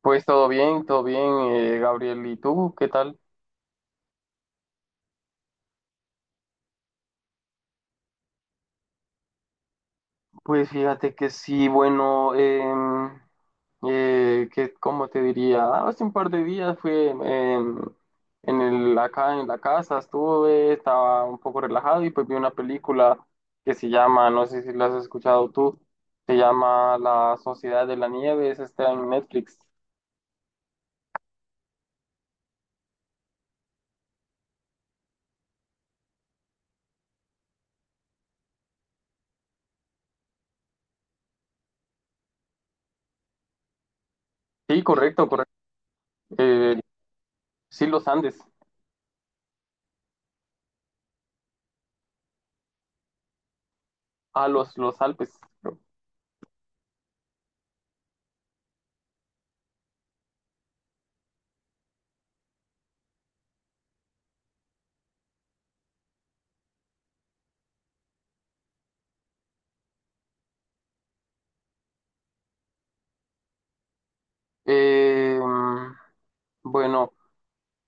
Pues todo bien, Gabriel. ¿Y tú? ¿Qué tal? Pues fíjate que sí, bueno, ¿cómo te diría? Ah, hace un par de días fui en el, acá en la casa, estaba un poco relajado y pues vi una película que se llama, no sé si la has escuchado tú, se llama La Sociedad de la Nieve, es está en Netflix. Sí, correcto, correcto. Eh, sí, los Andes, a los Alpes. Eh, bueno,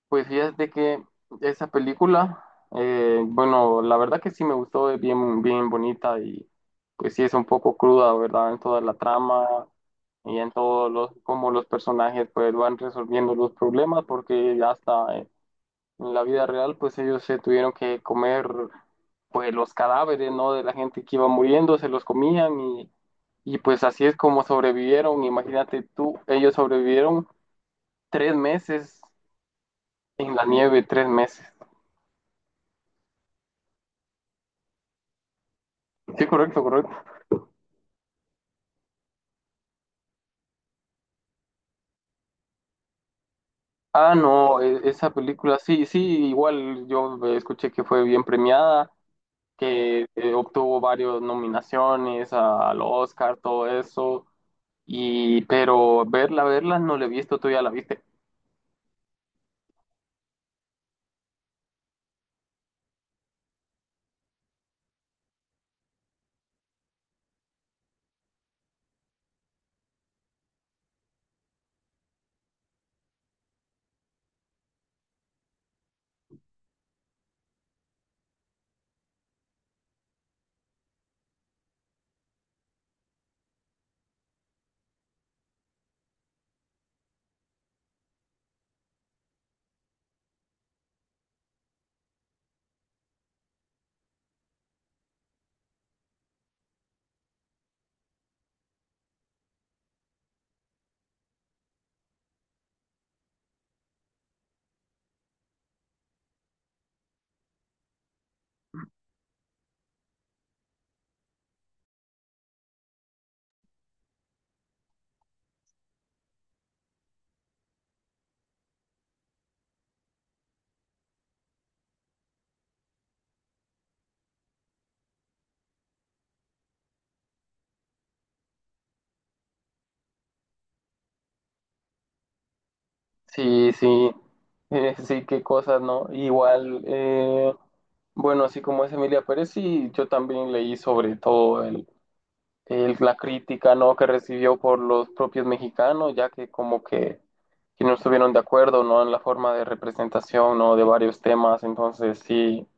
pues fíjate que esa película, bueno, la verdad que sí me gustó, es bien, bien bonita y pues sí es un poco cruda, ¿verdad? En toda la trama y en todos los, cómo los personajes pues van resolviendo los problemas, porque hasta en la vida real pues ellos se tuvieron que comer pues los cadáveres, ¿no? De la gente que iba muriendo, se los comían y pues así es como sobrevivieron. Imagínate tú, ellos sobrevivieron 3 meses en la nieve, 3 meses. Sí, correcto, correcto. Ah, no, e- esa película, sí, sí, igual yo escuché que fue bien premiada, que obtuvo varias nominaciones a- al Oscar, todo eso, y pero verla, verla no la he visto, tú ya la viste. Sí, sí, sí, qué cosas, ¿no? Igual, bueno, así como es Emilia Pérez, sí, yo también leí sobre todo el la crítica no que recibió por los propios mexicanos, ya que como que no estuvieron de acuerdo, ¿no? En la forma de representación, ¿no? De varios temas. Entonces sí,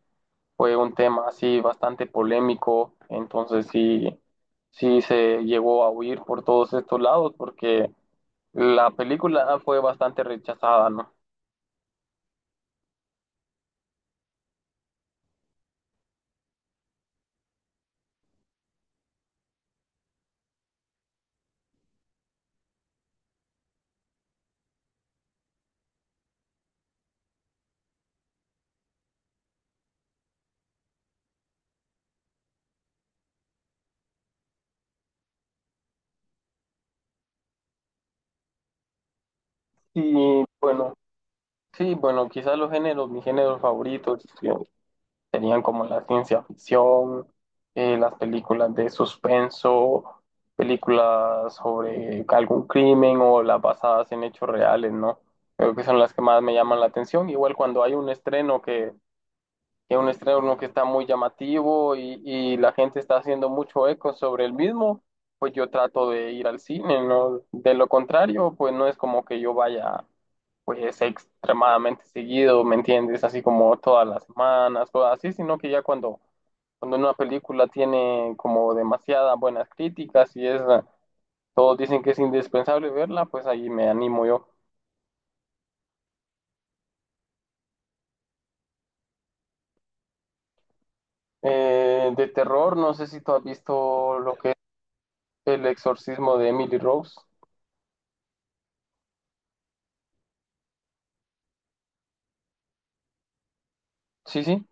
fue un tema así bastante polémico, entonces sí, sí se llegó a huir por todos estos lados porque la película fue bastante rechazada, ¿no? Y bueno, sí, bueno, quizás los géneros, mis géneros favoritos, serían como la ciencia ficción, las películas de suspenso, películas sobre algún crimen o las basadas en hechos reales, ¿no? Creo que son las que más me llaman la atención. Igual cuando hay un estreno que es un estreno que está muy llamativo y la gente está haciendo mucho eco sobre el mismo, pues yo trato de ir al cine, ¿no? De lo contrario, pues no es como que yo vaya pues extremadamente seguido, ¿me entiendes? Así como todas las semanas, cosas así, sino que ya cuando una película tiene como demasiadas buenas críticas y es, todos dicen que es indispensable verla, pues ahí me animo yo. De terror, no sé si tú has visto lo que es El exorcismo de Emily Rose. Sí, sí.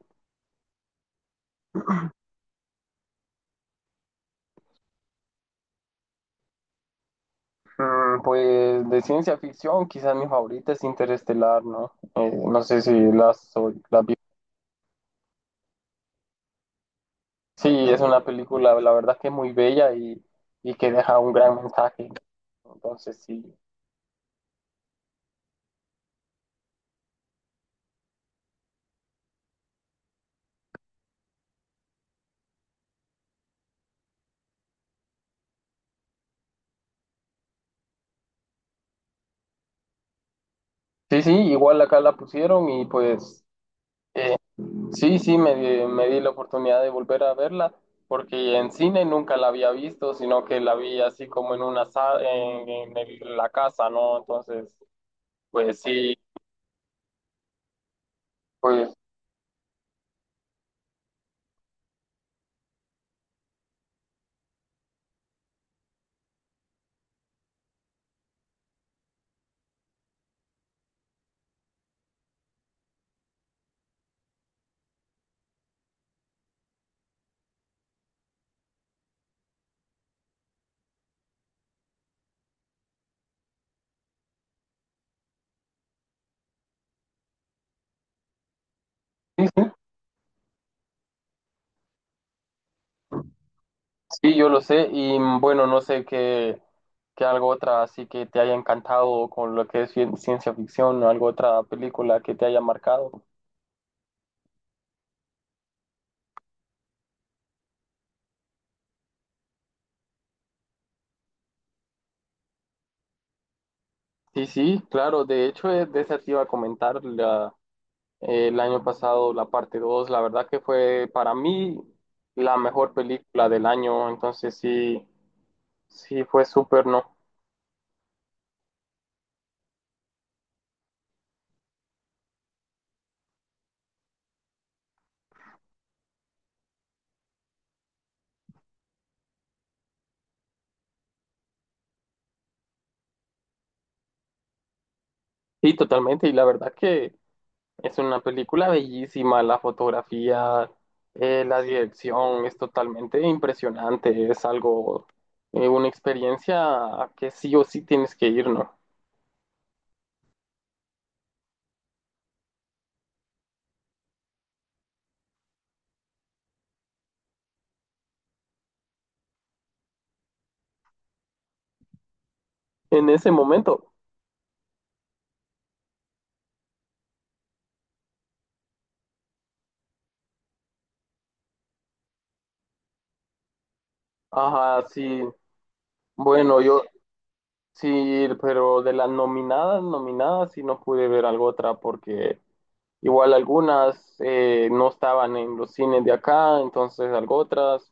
Mm, pues de ciencia ficción, quizás mi favorita es Interestelar, ¿no? No sé si las la, sí, es una película, la verdad que es muy bella y que deja un gran mensaje, ¿no? Entonces, sí. Sí, sí, igual acá la pusieron y pues sí, sí, me di la oportunidad de volver a verla porque en cine nunca la había visto, sino que la vi así como en una sa- en la casa, ¿no? Entonces, pues sí, pues sí, yo lo sé. Y mm, bueno, no sé qué, qué algo otra así que te haya encantado con lo que es ciencia ficción o algo otra película que te haya marcado. Sí, sí, claro, de hecho de esa te iba a comentar el año pasado la parte 2 la verdad que fue para mí la mejor película del año, entonces sí, sí fue súper, ¿no? Sí, totalmente. Y la verdad que es una película bellísima. La fotografía, la dirección es totalmente impresionante. Es algo, una experiencia que sí o sí tienes que ir, ¿no? En ese momento. Ajá, sí. Bueno, yo sí, pero de las nominadas, nominadas, sí no pude ver algo otra porque igual algunas no estaban en los cines de acá, entonces algo otras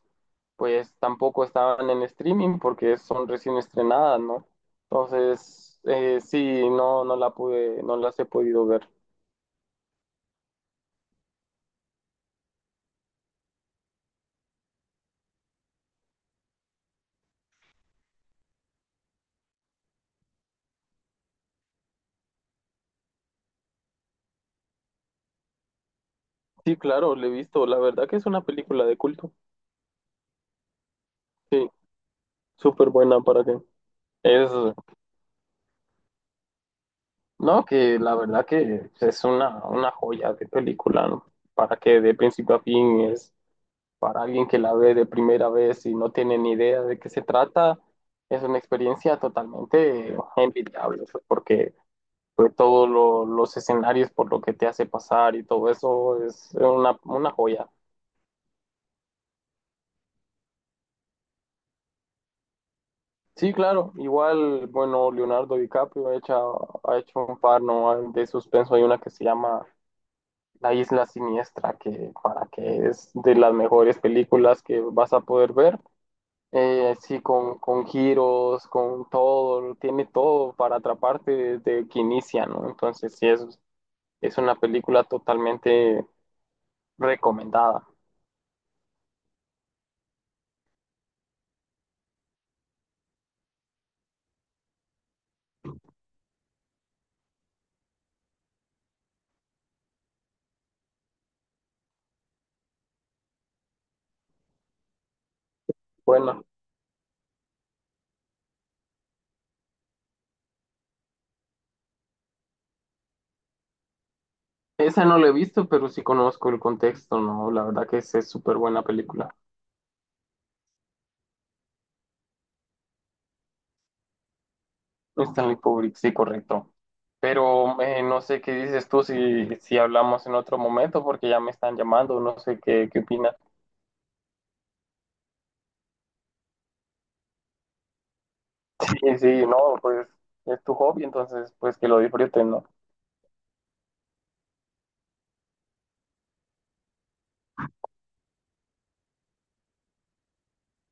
pues tampoco estaban en streaming porque son recién estrenadas, ¿no? Entonces, sí, no, no la pude, no las he podido ver. Sí, claro, la he visto, la verdad que es una película de culto, sí, súper buena para que es, no, que la verdad que es una joya de película, ¿no? Para que de principio a fin es, para alguien que la ve de primera vez y no tiene ni idea de qué se trata, es una experiencia totalmente envidiable, pues, porque pues, todos los escenarios por lo que te hace pasar y todo eso es una joya. Sí, claro, igual, bueno, Leonardo DiCaprio ha hecho un par, ¿no? De suspenso, hay una que se llama La Isla Siniestra, que para que es de las mejores películas que vas a poder ver. Así con giros, con todo, tiene todo para atraparte desde que inicia, ¿no? Entonces sí, es una película totalmente recomendada. Bueno, esa no la he visto, pero sí conozco el contexto, ¿no? La verdad que es súper buena película. Stanley Kubrick, sí, correcto. Pero no sé qué dices tú si, si hablamos en otro momento, porque ya me están llamando, no sé qué, qué opinas. Sí, sí, no, pues es tu hobby, entonces pues que lo disfruten, ¿no?